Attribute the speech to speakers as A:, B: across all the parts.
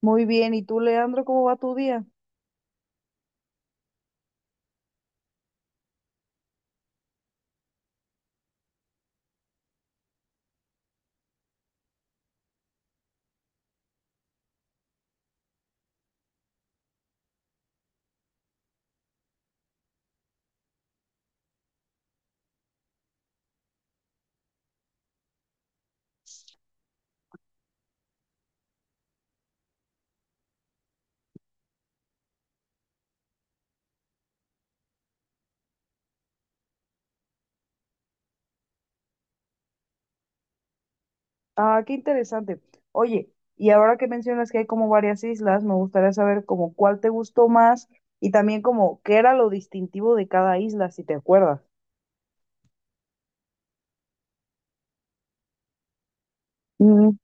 A: Muy bien, ¿y tú, Leandro, cómo va tu día? Ah, qué interesante. Oye, y ahora que mencionas que hay como varias islas, me gustaría saber como cuál te gustó más y también como qué era lo distintivo de cada isla, si te acuerdas. Mm,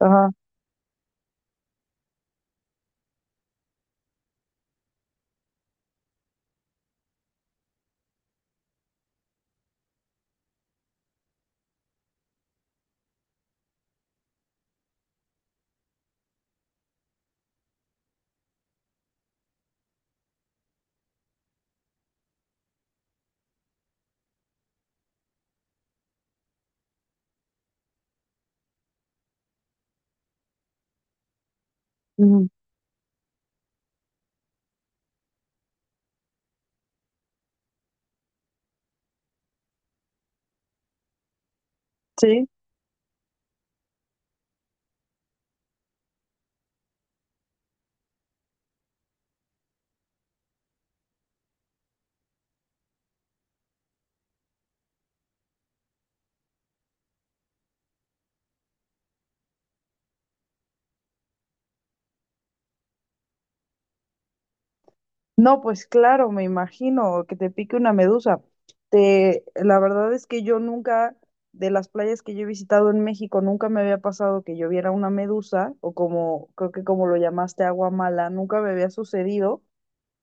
A: ajá, mm, sí. No, pues claro, me imagino que te pique una medusa. Te, la verdad es que yo nunca, de las playas que yo he visitado en México, nunca me había pasado que yo viera una medusa o como, creo que como lo llamaste, agua mala, nunca me había sucedido.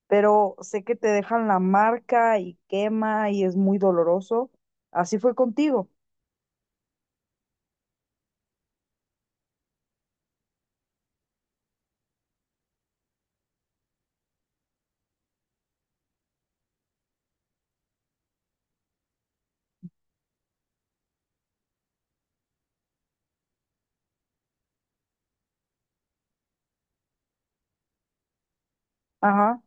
A: Pero sé que te dejan la marca y quema y es muy doloroso. Así fue contigo. Ajá.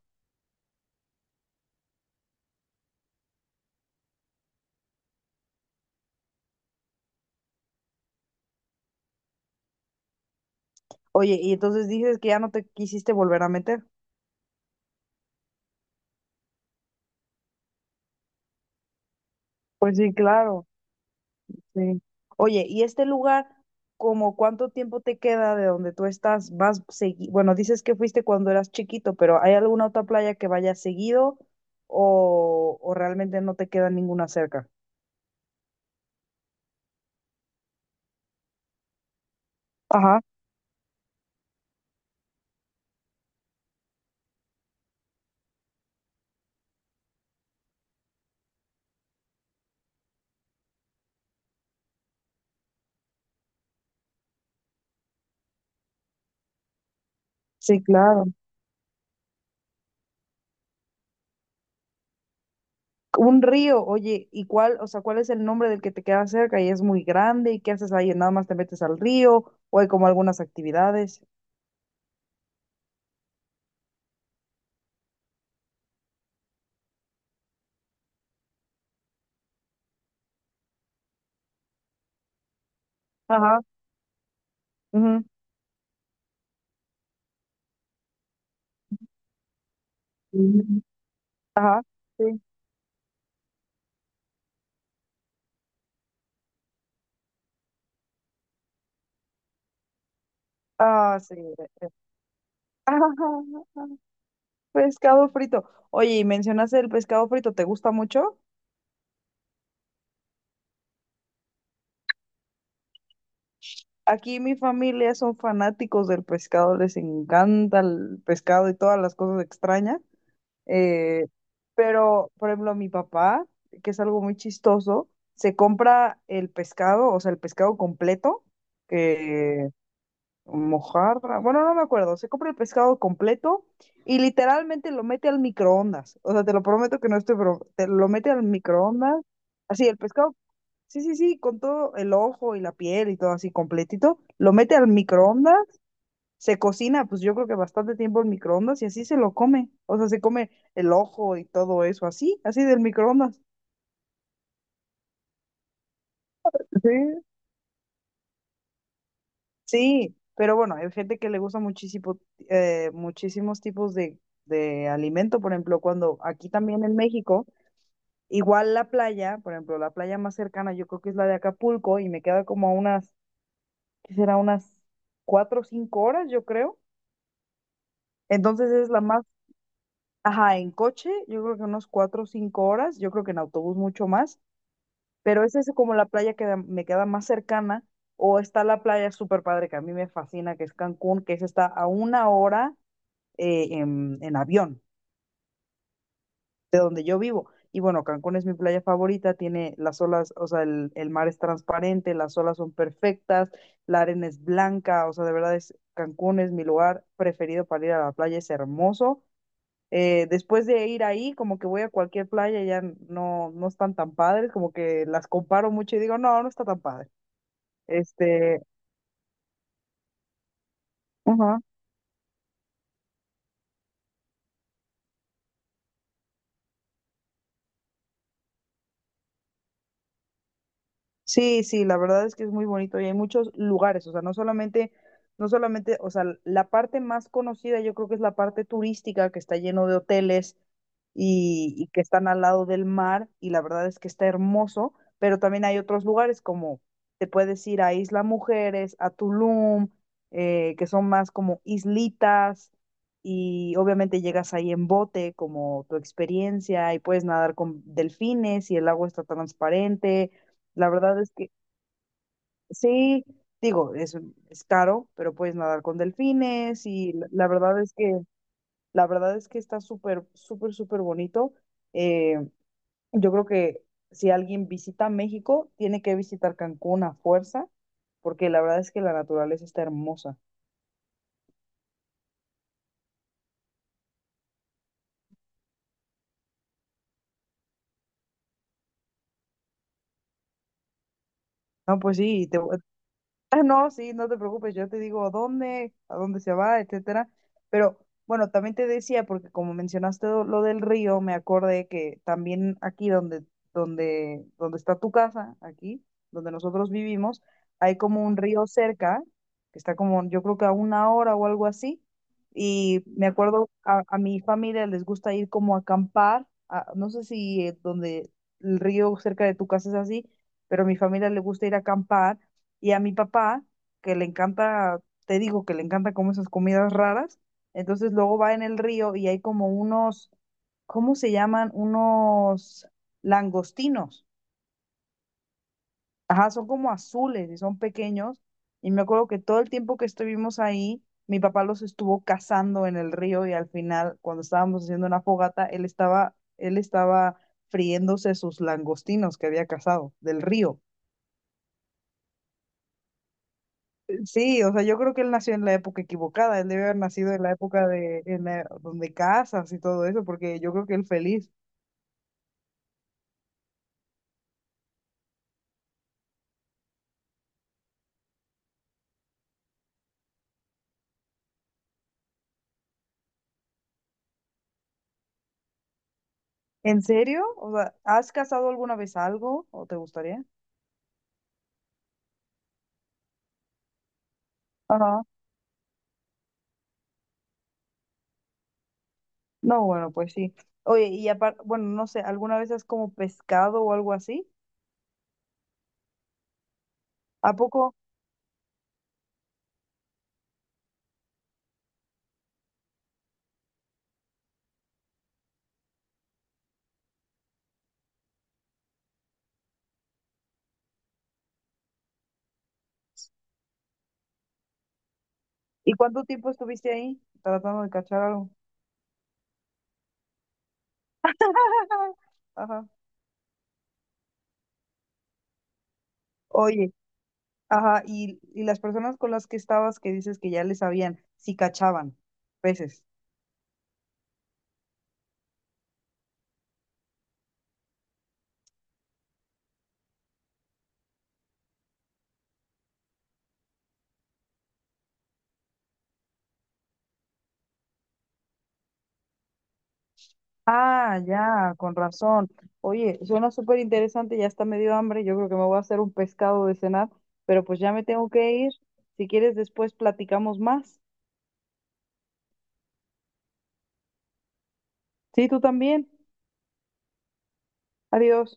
A: Oye, y entonces dices que ya no te quisiste volver a meter. Pues sí, claro, sí. Oye, ¿y este lugar, como cuánto tiempo te queda de donde tú estás? ¿Vas seguido? Bueno, dices que fuiste cuando eras chiquito, pero ¿hay alguna otra playa que vayas seguido o realmente no te queda ninguna cerca? Ajá, sí, claro. Un río, oye, ¿y cuál, o sea, cuál es el nombre del que te queda cerca y es muy grande? ¿Y qué haces ahí? ¿Nada más te metes al río o hay como algunas actividades? Ajá. Ujú. Mm. Sí. Ah, sí. Pescado frito. Oye, y mencionaste el pescado frito, ¿te gusta mucho? Aquí mi familia son fanáticos del pescado, les encanta el pescado y todas las cosas extrañas. Eh, pero, por ejemplo, mi papá, que es algo muy chistoso, se compra el pescado, o sea, el pescado completo, que mojarra, bueno, no me acuerdo, se compra el pescado completo y literalmente lo mete al microondas. O sea, te lo prometo que no estoy, te lo mete al microondas. Así, el pescado, sí, sí, sí, con todo el ojo y la piel y todo así completito, lo mete al microondas, se cocina, pues yo creo que bastante tiempo en microondas y así se lo come. O sea, se come el ojo y todo eso, así, así del microondas. Sí. Sí, pero bueno, hay gente que le gusta muchísimo, muchísimos tipos de alimento, por ejemplo, cuando aquí también en México, igual la playa, por ejemplo, la playa más cercana yo creo que es la de Acapulco y me queda como a unas, ¿qué será? Unas cuatro o cinco horas, yo creo. Entonces es la más, ajá, en coche, yo creo que unos cuatro o cinco horas, yo creo que en autobús mucho más. Pero esa es como la playa que me queda más cercana, o está la playa súper padre que a mí me fascina, que es Cancún, que esa está a una hora en avión de donde yo vivo. Y bueno, Cancún es mi playa favorita, tiene las olas, o sea, el mar es transparente, las olas son perfectas, la arena es blanca, o sea, de verdad es, Cancún es mi lugar preferido para ir a la playa, es hermoso. Después de ir ahí, como que voy a cualquier playa, ya no, no están tan padres, como que las comparo mucho y digo, no, no está tan padre. Este, ajá. Sí, sí, la verdad es que es muy bonito y hay muchos lugares, o sea, no solamente, no solamente, o sea, la parte más conocida yo creo que es la parte turística que está lleno de hoteles y que están al lado del mar y la verdad es que está hermoso, pero también hay otros lugares como te puedes ir a Isla Mujeres, a Tulum, que son más como islitas y obviamente llegas ahí en bote como tu experiencia y puedes nadar con delfines y el agua está transparente, la verdad es que sí, digo, es caro, pero puedes nadar con delfines y la verdad es que, la verdad es que está súper, súper, súper bonito. Eh, yo creo que si alguien visita México, tiene que visitar Cancún a fuerza, porque la verdad es que la naturaleza está hermosa. No, pues sí, te, Ah, no, sí, no te preocupes, yo te digo a dónde se va, etcétera. Pero bueno, también te decía, porque como mencionaste lo del río, me acordé que también aquí donde, donde, donde está tu casa, aquí, donde nosotros vivimos, hay como un río cerca, que está como, yo creo que a una hora o algo así. Y me acuerdo, a mi familia les gusta ir como a acampar, no sé si donde el río cerca de tu casa es así, pero a mi familia le gusta ir a acampar y a mi papá, que le encanta, te digo que le encanta como esas comidas raras, entonces luego va en el río y hay como unos, ¿cómo se llaman? Unos langostinos. Ajá, son como azules y son pequeños. Y me acuerdo que todo el tiempo que estuvimos ahí, mi papá los estuvo cazando en el río y al final, cuando estábamos haciendo una fogata, él estaba friéndose sus langostinos que había cazado del río. Sí, o sea, yo creo que él nació en la época equivocada, él debe haber nacido en la época de, donde casas y todo eso, porque yo creo que él feliz. ¿En serio? O sea, ¿has casado alguna vez algo o te gustaría? Ajá. No, bueno, pues sí. Oye, y aparte, bueno, no sé, ¿alguna vez has como pescado o algo así? ¿A poco? ¿Y cuánto tiempo estuviste ahí tratando de cachar algo? Ajá. Oye, ajá, y las personas con las que estabas que dices que ya les sabían, si cachaban peces. Ah, ya, con razón. Oye, suena súper interesante, ya está medio hambre, yo creo que me voy a hacer un pescado de cenar, pero pues ya me tengo que ir. Si quieres, después platicamos más. Sí, tú también. Adiós.